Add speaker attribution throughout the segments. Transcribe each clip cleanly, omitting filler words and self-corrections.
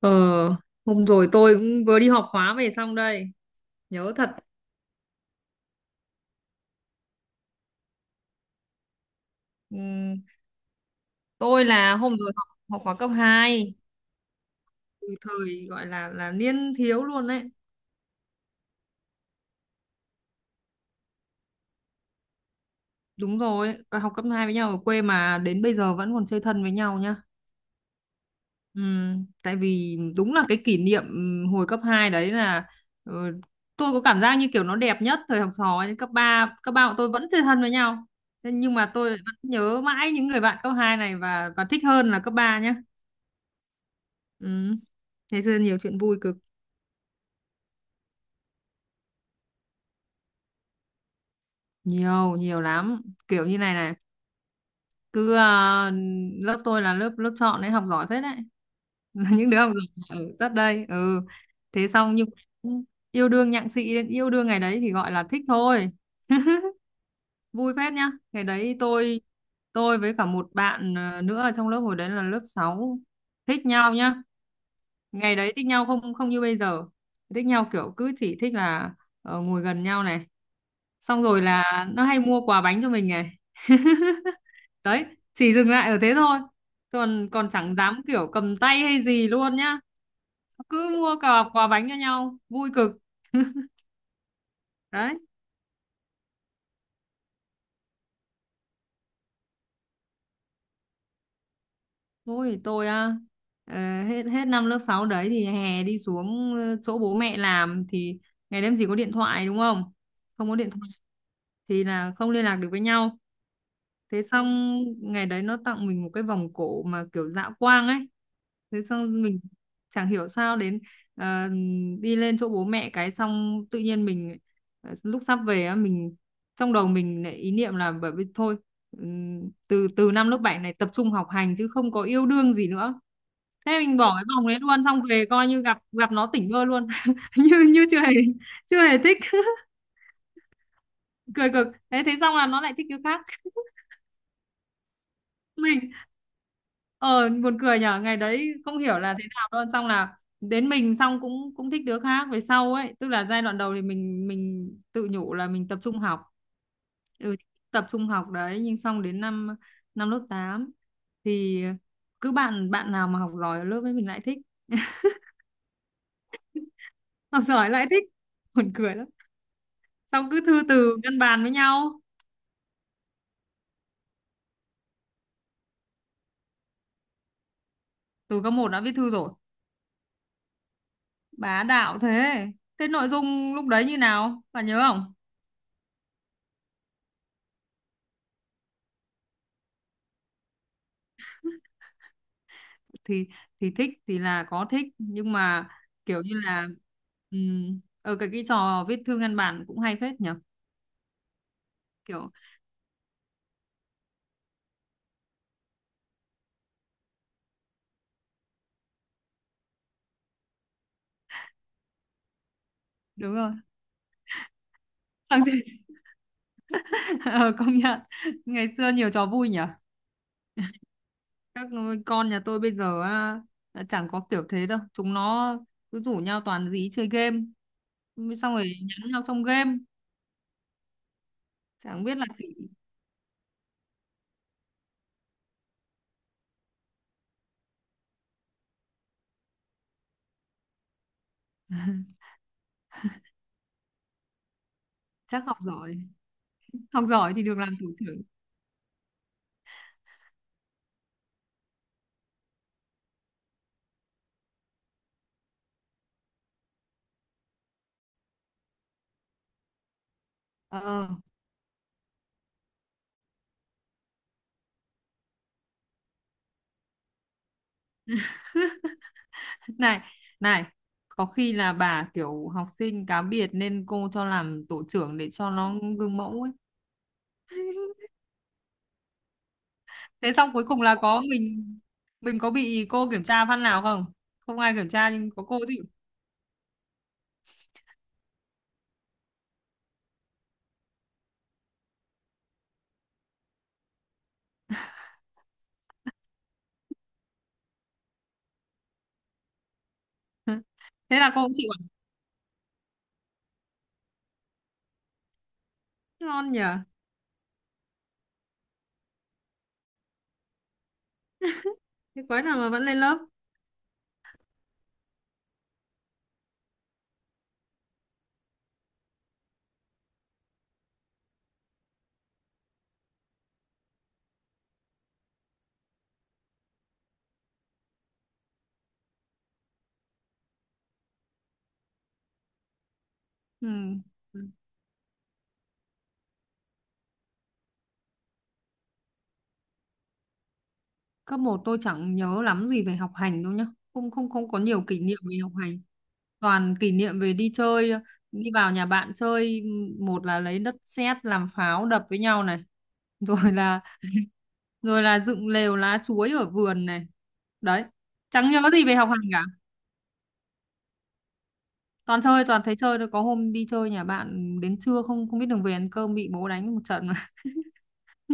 Speaker 1: Ờ, hôm rồi tôi cũng vừa đi học khóa về xong đây. Nhớ thật. ừm, tôi là hôm rồi học học khóa cấp 2 từ thời gọi là niên thiếu luôn đấy. Đúng rồi, và học cấp hai với nhau ở quê mà đến bây giờ vẫn còn chơi thân với nhau nhá. Tại vì đúng là cái kỷ niệm hồi cấp 2 đấy là ờ, tôi có cảm giác như kiểu nó đẹp nhất thời học trò ấy. Cấp ba bọn tôi vẫn chơi thân với nhau. Thế nhưng mà tôi lại vẫn nhớ mãi những người bạn cấp 2 này và thích hơn là cấp 3 nhá. Ừ. Ngày xưa nhiều chuyện vui cực, nhiều nhiều lắm. Kiểu như này này, cứ lớp tôi là lớp lớp chọn đấy, học giỏi phết đấy. Những đứa học giỏi ở rất đây. Ừ. Thế xong nhưng yêu đương nhặng xị, đến yêu đương ngày đấy thì gọi là thích thôi, vui phết nhá. Ngày đấy tôi với cả một bạn nữa ở trong lớp, hồi đấy là lớp 6, thích nhau nhá. Ngày đấy thích nhau không không như bây giờ. Thích nhau kiểu cứ chỉ thích là ngồi gần nhau này, xong rồi là nó hay mua quà bánh cho mình này. Đấy, chỉ dừng lại ở thế thôi, còn còn chẳng dám kiểu cầm tay hay gì luôn nhá, cứ mua quà quà bánh cho nhau vui cực. Đấy, ôi tôi à, hết hết năm lớp 6 đấy thì hè đi xuống chỗ bố mẹ làm thì ngày đêm gì có điện thoại đúng không, không có điện thoại thì là không liên lạc được với nhau. Thế xong, ngày đấy nó tặng mình một cái vòng cổ mà kiểu dạ quang ấy. Thế xong mình chẳng hiểu sao đến ờ, đi lên chỗ bố mẹ, cái xong tự nhiên mình lúc sắp về á, mình trong đầu mình lại ý niệm là bởi vì thôi từ từ năm lớp 7 này tập trung học hành chứ không có yêu đương gì nữa. Thế mình bỏ cái vòng đấy luôn, xong về coi như gặp, nó tỉnh bơ luôn như như chưa hề, chưa hề thích cười cực. Thế thế xong là nó lại thích cái khác. Mình ờ buồn cười nhở, ngày đấy không hiểu là thế nào luôn, xong là đến mình xong cũng cũng thích đứa khác về sau ấy, tức là giai đoạn đầu thì mình tự nhủ là mình tập trung học. Ừ, tập trung học đấy, nhưng xong đến năm năm lớp 8 thì cứ bạn bạn nào mà học giỏi ở lớp ấy mình lại thích. Học giỏi lại thích, buồn cười lắm, xong cứ thư từ ngăn bàn với nhau. Từ cấp một đã viết thư rồi, bá đạo thế. Thế nội dung lúc đấy như nào bạn nhớ không? Thì thì thích thì là có thích nhưng mà kiểu như là ở cái trò viết thư ngăn bản cũng hay phết nhỉ, kiểu. Đúng rồi. Thằng Duy- ờ, công nhận ngày xưa nhiều trò vui nhỉ. Các con nhà tôi bây giờ á, đã chẳng có kiểu thế đâu, chúng nó cứ rủ nhau toàn dí chơi game, xong rồi nhắn nhau trong game, chẳng biết là thì chắc học giỏi, học giỏi thì được làm thủ trưởng. Ờ, ờ. Này này, có khi là bà kiểu học sinh cá biệt nên cô cho làm tổ trưởng để cho nó gương mẫu ấy. Thế xong cuối cùng là có mình, có bị cô kiểm tra phát nào không? Không ai kiểm tra nhưng có cô chịu. Thế là cô cũng chịu à? Ngon nhỉ, thế quái nào mà vẫn lên lớp. Ừ. Cấp một tôi chẳng nhớ lắm gì về học hành đâu nhá, không, không, không có nhiều kỷ niệm về học hành, toàn kỷ niệm về đi chơi, đi vào nhà bạn chơi, một là lấy đất sét làm pháo đập với nhau này, rồi là, dựng lều lá chuối ở vườn này. Đấy, chẳng nhớ gì về học hành cả, toàn chơi, toàn thấy chơi thôi, có hôm đi chơi nhà bạn đến trưa không không biết đường về ăn cơm, bị bố đánh một trận mà.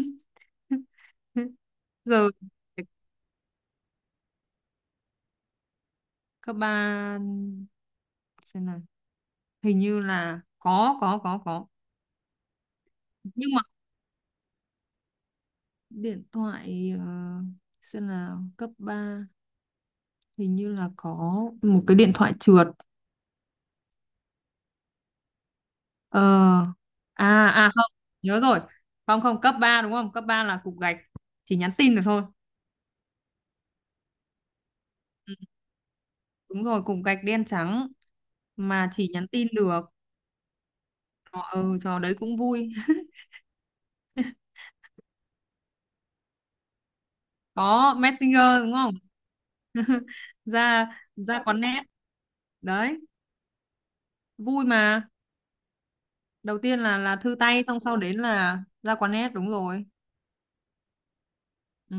Speaker 1: Giờ cấp ba, xem nào, hình như là có. Nhưng mà điện thoại xem nào, cấp 3 hình như là có một cái điện thoại trượt. Ờ. Không, nhớ rồi. Không, không, cấp 3 đúng không? Cấp 3 là cục gạch, chỉ nhắn tin được thôi. Ừ, đúng rồi, cục gạch đen trắng mà chỉ nhắn tin được. Ờ, ừ, trò đấy cũng vui. Có Messenger đúng không? ra Ra quán net. Đấy vui mà, đầu tiên là thư tay, xong sau đến là ra quán net, đúng rồi. Ừ.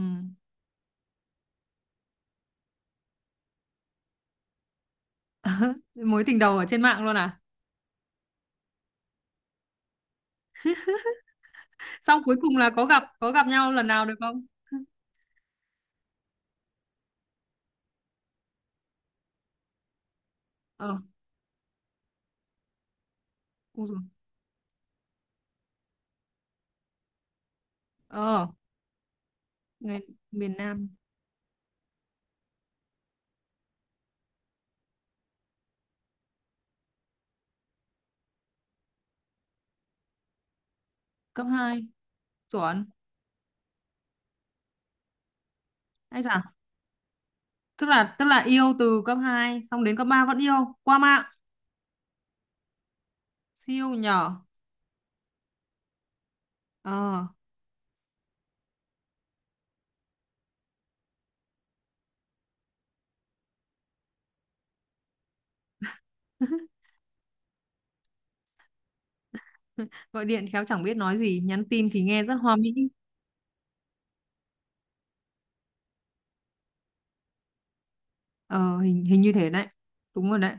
Speaker 1: Mối tình đầu ở trên mạng luôn à? Xong cuối cùng là có gặp, nhau lần nào được không? Ờ, ui dồi. Ờ, người miền Nam. Cấp hai. Chuẩn. Ấy dạ, tức là, yêu từ cấp 2 xong đến cấp 3 vẫn yêu, qua mạng, siêu nhỏ. ờ Gọi điện khéo chẳng biết nói gì, nhắn tin thì nghe rất hoa mỹ. Ờ hình hình như thế đấy. Đúng rồi đấy.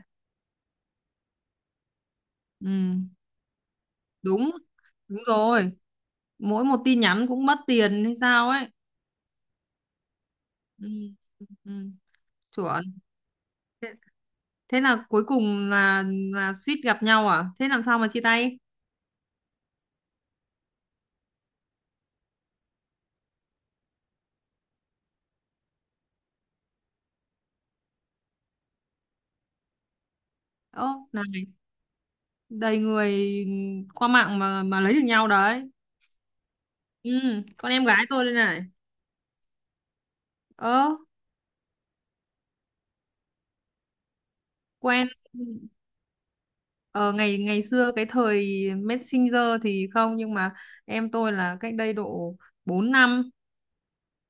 Speaker 1: Ừ, đúng đúng rồi, mỗi một tin nhắn cũng mất tiền hay sao ấy. Ừ, ừ, chuẩn. Thế, thế là cuối cùng là suýt gặp nhau à, thế làm sao mà chia tay? Ơ, đầy người qua mạng mà lấy được nhau đấy. Ừ, con em gái tôi đây này. Ờ, quen ờ ngày, xưa cái thời Messenger thì không, nhưng mà em tôi là cách đây độ 4 năm,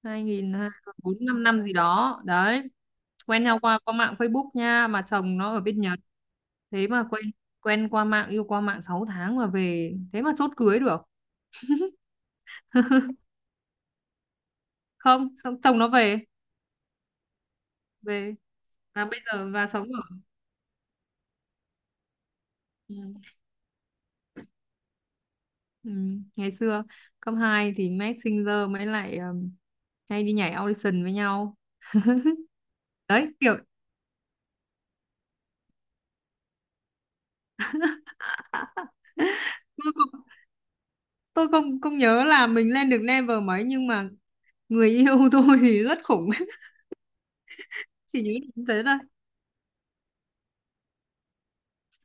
Speaker 1: hai nghìn bốn, năm năm gì đó đấy, quen nhau qua qua mạng Facebook nha, mà chồng nó ở bên Nhật. Thế mà quen, qua mạng, yêu qua mạng 6 tháng mà về thế mà chốt cưới được. Không, xong chồng nó về. về và bây giờ và sống ở. Ừ. Ừ, ngày xưa cấp 2 thì Max Singer mới lại hay đi nhảy audition với nhau. Đấy kiểu. à, tôi không, tôi không không nhớ là mình lên được level mấy nhưng mà người yêu tôi thì rất khủng. Chỉ nhớ đến thế thôi.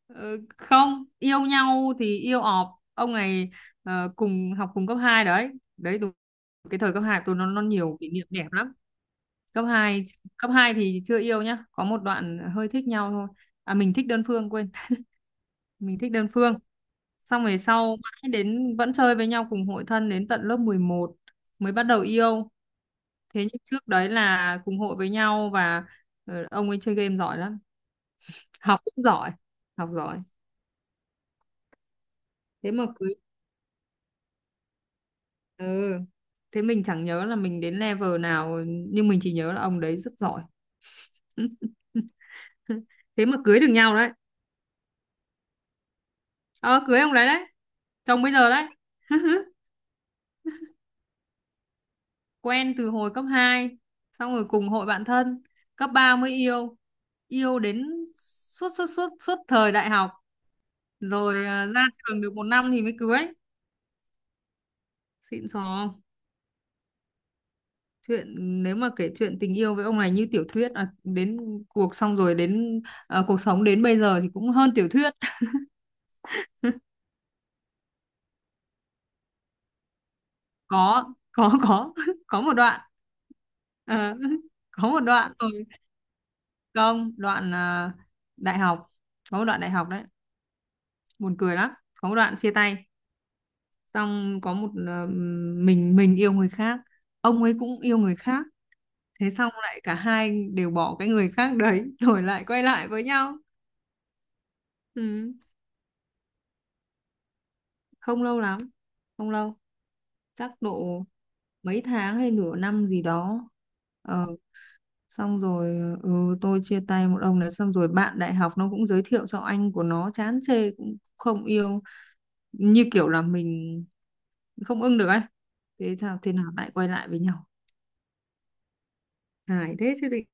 Speaker 1: Ờ, Không yêu nhau thì yêu ọp ông này, cùng học cùng cấp 2 đấy. Đấy đúng, cái thời cấp 2 tôi nó nhiều kỷ niệm đẹp lắm. Cấp hai, thì chưa yêu nhá, có một đoạn hơi thích nhau thôi, mình thích đơn phương, quên, mình thích đơn phương, xong về sau mãi đến vẫn chơi với nhau cùng hội thân đến tận lớp 11 mới bắt đầu yêu. Thế nhưng trước đấy là cùng hội với nhau và ông ấy chơi game giỏi lắm, học cũng giỏi, học giỏi, thế mà cưới. Ừ. Thế mình chẳng nhớ là mình đến level nào nhưng mình chỉ nhớ là ông đấy rất giỏi. Thế mà cưới được nhau đấy. Ờ, cưới ông đấy đấy, chồng bây giờ đấy. Quen từ hồi cấp 2, xong rồi cùng hội bạn thân, cấp 3 mới yêu, đến suốt, suốt, suốt, suốt thời đại học, rồi ra trường được 1 năm thì mới cưới. Xịn sò. Chuyện, nếu mà kể chuyện tình yêu với ông này như tiểu thuyết, đến xong rồi đến, cuộc sống đến bây giờ thì cũng hơn tiểu thuyết. Có, có có có một đoạn. Ờ, có một đoạn rồi. Không, đoạn đại học, có một đoạn đại học đấy, buồn cười lắm, có một đoạn chia tay, xong có một mình yêu người khác, ông ấy cũng yêu người khác, thế xong lại cả hai đều bỏ cái người khác đấy rồi lại quay lại với nhau. Ừ. Không lâu lắm, không lâu, chắc độ mấy tháng hay nửa năm gì đó. ờ, Xong rồi, ừ, tôi chia tay một ông này xong rồi bạn đại học nó cũng giới thiệu cho anh của nó, chán chê cũng không yêu, như kiểu là mình không ưng được ấy. Thế sao, thế nào lại quay lại với nhau, hài thế chứ gì.